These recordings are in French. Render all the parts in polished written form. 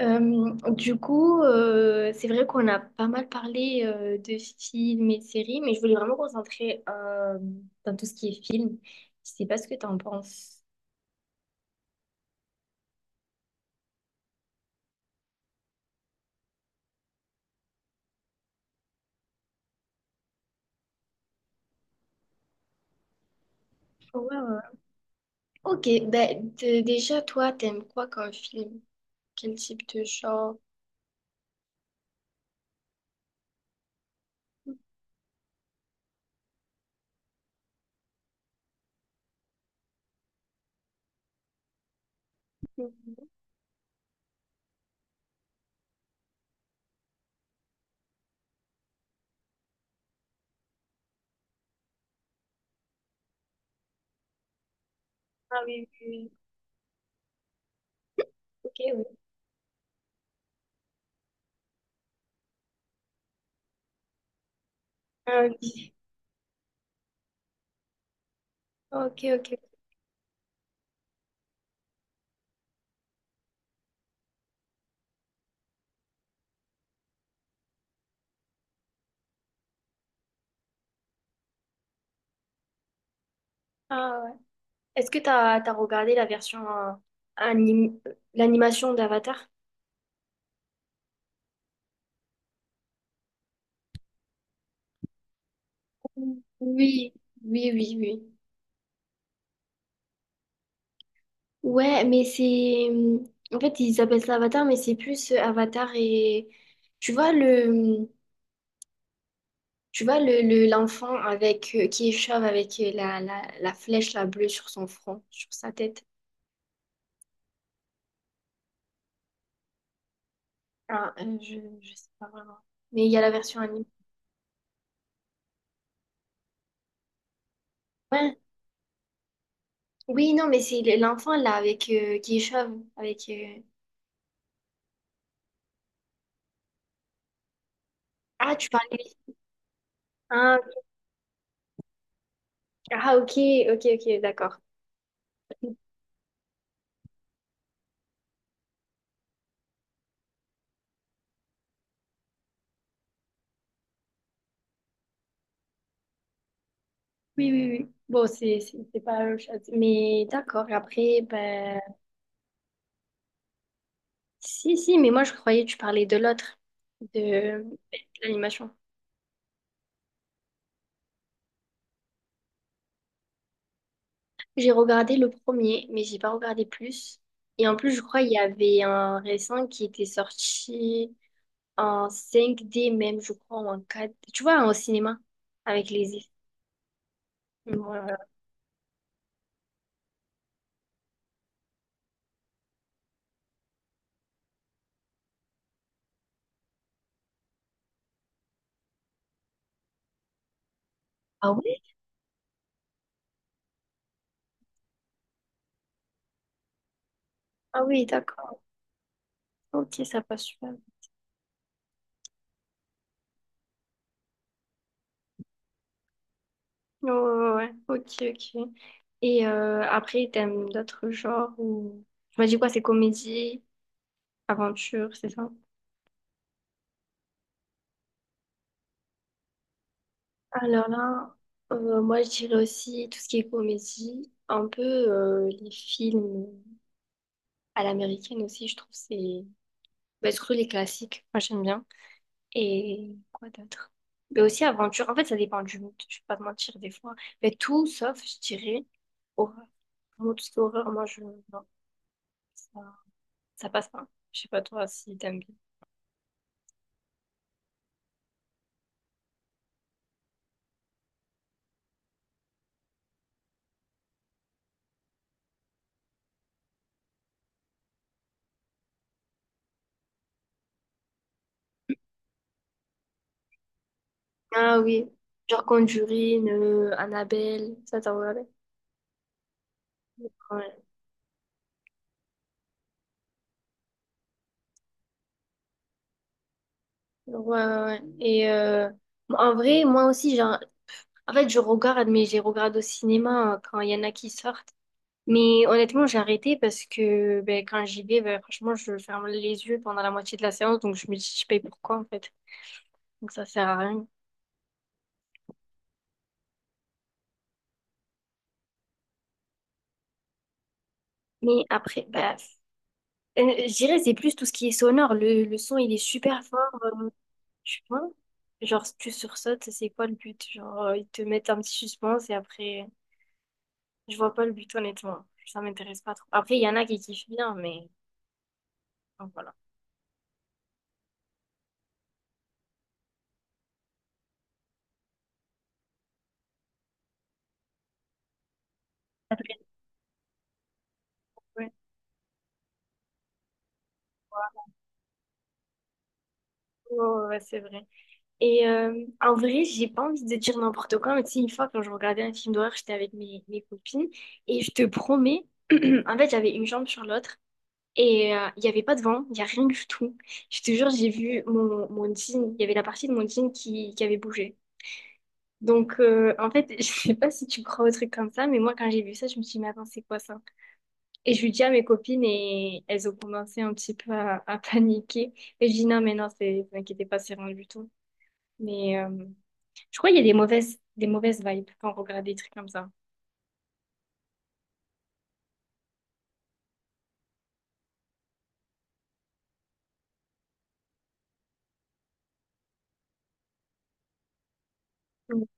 Du coup, c'est vrai qu'on a pas mal parlé de films et de séries, mais je voulais vraiment me concentrer dans tout ce qui est film. Je sais pas ce que tu en penses. Ouais, ouais, ouais. Ok, ben déjà, toi, t'aimes quoi comme film? Quel type de genre? Mhm. Ah oui, oui, oui. Ok, oui. Ah, oui. Ok, ok. Ah ouais. Est-ce que t'as regardé la version anim- l'animation d'Avatar? Oui, oui, oui, oui. Ouais, mais en fait, ils appellent ça Avatar, mais c'est plus Avatar et. Tu vois le. mmh, Tu vois l'enfant avec qui est chauve avec la flèche la bleue sur son front, sur sa tête. Ah, je sais pas vraiment. Mais il y a la version anime. Ouais. Oui, non, mais c'est l'enfant là avec qui est chauve avec Ah, tu parlais. Ah, ah, ok, ok, ok, d'accord. Oui, oui, oui. Bon, c'est pas la même chose. Mais d'accord, après, ben. Si, si, mais moi je croyais que tu parlais de l'autre, de l'animation. J'ai regardé le premier, mais j'ai pas regardé plus. Et en plus, je crois qu'il y avait un récent qui était sorti en cinq d même, je crois, ou en quatre. D Tu vois, au cinéma, avec les effets. Voilà. Ah oui? Ah oui, d'accord. Ok, ça passe super. Ouais, ouais, ouais, ouais. Ok, ok. Et après, t'aimes d'autres genres ou. Tu m'as dit quoi? C'est comédie, aventure, c'est ça? Alors là, moi je dirais aussi tout ce qui est comédie, un peu les films à l'américaine aussi, je trouve c'est. Bah, surtout les classiques, moi j'aime bien. Et quoi d'autre? Mais aussi aventure, en fait ça dépend du mood, je vais pas te mentir des fois. Mais tout sauf, je dirais, horreur. Vraiment tout ce qui est horreur, Non, ça, ça passe pas. Je sais pas toi si t'aimes bien. Ah oui, genre Conjuring, Annabelle, ça t'en regardé? Ouais. Ouais, ouais, ouais. Et en vrai, moi aussi, genre, en fait, je regarde, mais j'ai regardé au cinéma quand il y en a qui sortent. Mais honnêtement, j'ai arrêté parce que ben, quand j'y vais, ben, franchement, je ferme les yeux pendant la moitié de la séance, donc je me dis, je paye pourquoi, en fait. Donc ça sert à rien. Mais après, bah, euh, je dirais, c'est plus tout ce qui est sonore. Le son, il est super fort, tu vois. Genre, si tu sursautes, c'est quoi le but? Genre, ils te mettent un petit suspense et après. Je vois pas le but, honnêtement. Ça m'intéresse pas trop. Après, il y en a qui kiffent bien, mais donc, voilà. Après, ouais, ouais, ouais, c'est vrai. Et en vrai, j'ai pas envie de dire n'importe quoi, mais tu sais, une fois, quand je regardais un film d'horreur, j'étais avec mes copines, et je te promets, en fait, j'avais une jambe sur l'autre, et il y avait pas de vent, il y a rien du tout. Je te jure, j'ai vu mon jean, il y avait la partie de mon jean qui avait bougé. Donc, en fait, je sais pas si tu crois au truc comme ça, mais moi, quand j'ai vu ça, je me suis dit, mais attends, c'est quoi ça? Et je lui dis à mes copines et elles ont commencé un petit peu à paniquer. Et je dis non, mais non, c'est, vous inquiétez pas, c'est rien du tout. Mais je crois qu'il y a des mauvaises vibes quand on regarde des trucs comme ça. Donc,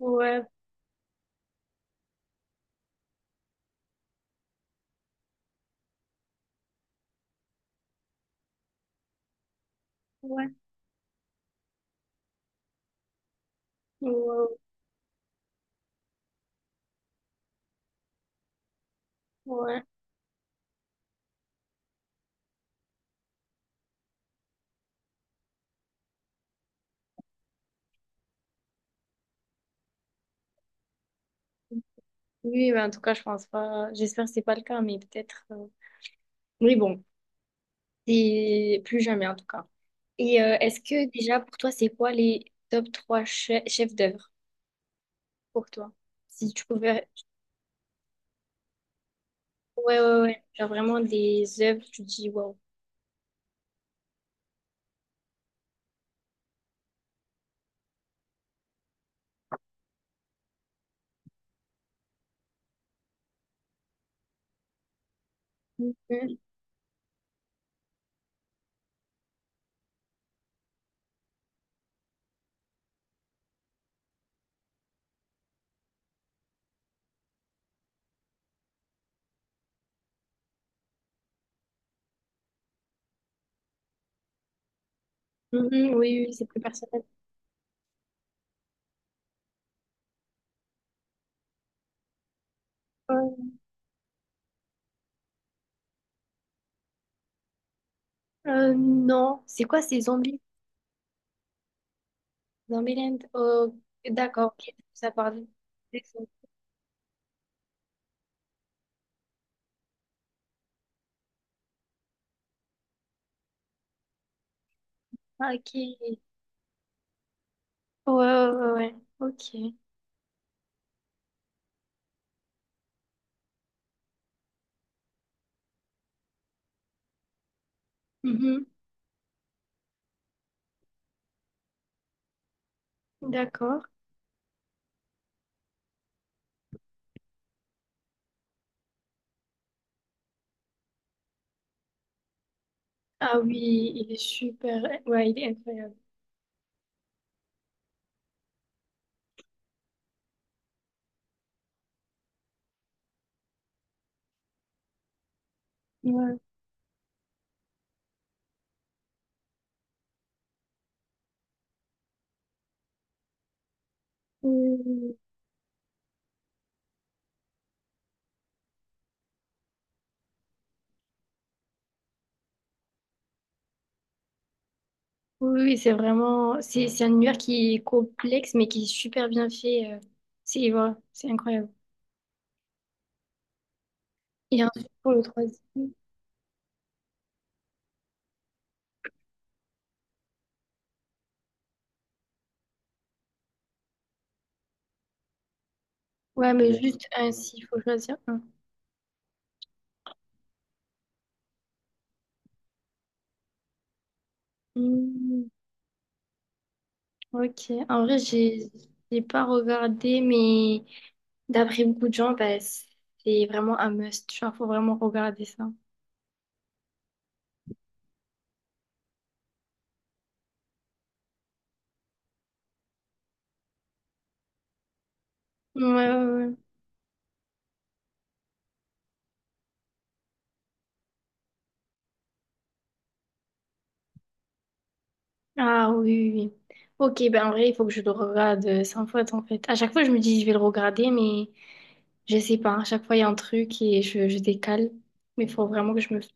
ouais, ouais, ouais, ouais. Oui, mais en tout cas, je pense pas. J'espère que c'est pas le cas, mais peut-être. Oui, bon, et plus jamais en tout cas. Et est-ce que déjà pour toi, c'est quoi les top 3 chefs d'œuvre pour toi? Si tu pouvais. Ouais, ouais, ouais. Genre vraiment des œuvres, tu te dis waouh. Mhm. Mhm, oui, oui, oui, c'est plus personnel. Euh, non, c'est quoi ces zombies? Zombieland. Oh, d'accord, ok, ça parle des zombies. Ah, ok. Ouais, ouais, ouais, ouais. Ok. Mhm, d'accord. Ah oui, il est super. Ouais, il est incroyable. Ouais. Oui, oui, oui, oui, c'est vraiment. C'est un univers qui est complexe, mais qui est super bien fait. C'est voilà, c'est incroyable. Et ensuite, pour le troisième. Ouais, mais juste un, s'il faut choisir un. Hmm, ok. En vrai, j'ai pas regardé, mais d'après beaucoup de gens, bah, c'est vraiment un must. Genre, faut vraiment regarder ça. Ouais, ouais, ouais. Ah oui, oui, oui. Ok, ben en vrai, il faut que je le regarde 100 fois en fait. À chaque fois, je me dis, je vais le regarder, mais je sais pas. À chaque fois, il y a un truc et je décale. Mais il faut vraiment que je me fasse.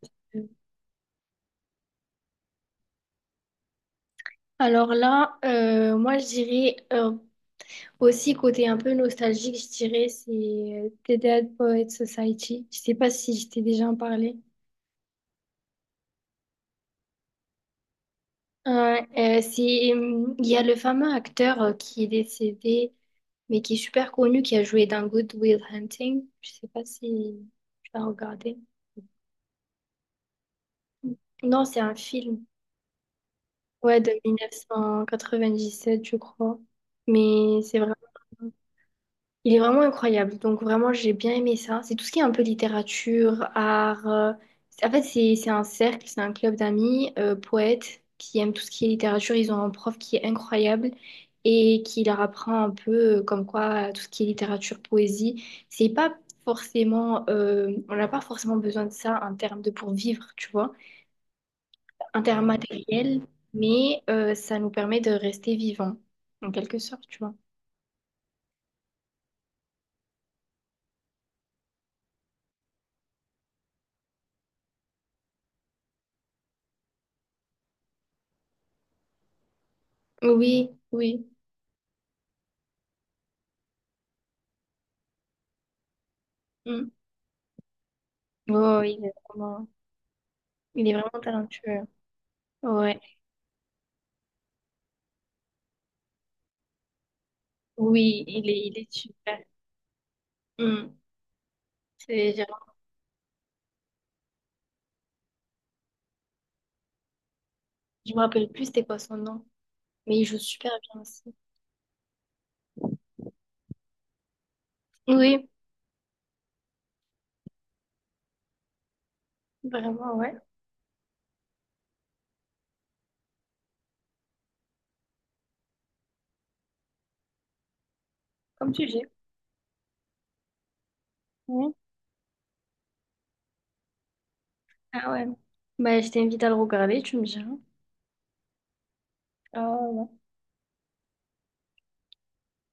Alors là, moi, je dirais aussi, côté un peu nostalgique, je dirais, c'est The Dead Poets Society. Je sais pas si je t'ai déjà en parlé. Il y a le fameux acteur qui est décédé, mais qui est super connu, qui a joué dans Good Will Hunting. Je sais pas si tu l'as regardé. Non, c'est un film. Ouais, de 1997, je crois. Mais c'est vraiment. Il est vraiment incroyable. Donc vraiment, j'ai bien aimé ça. C'est tout ce qui est un peu littérature, art. En fait, c'est un cercle, c'est un club d'amis, poètes, qui aiment tout ce qui est littérature. Ils ont un prof qui est incroyable et qui leur apprend un peu comme quoi tout ce qui est littérature, poésie, c'est pas forcément. On n'a pas forcément besoin de ça en termes de pour vivre, tu vois. En termes matériels, mais ça nous permet de rester vivants, en quelque sorte, tu vois. Oui, oui. Mm. Oh, il est vraiment talentueux. Ouais. Oui, il est super. Hmm. C'est, j'ai- je me rappelle plus c'était quoi son nom, mais il joue super bien aussi. Oui, vraiment, ouais. Comme sujet. Oui. Ah ouais. Bah, je t'invite à le regarder, tu me diras. Ah ouais.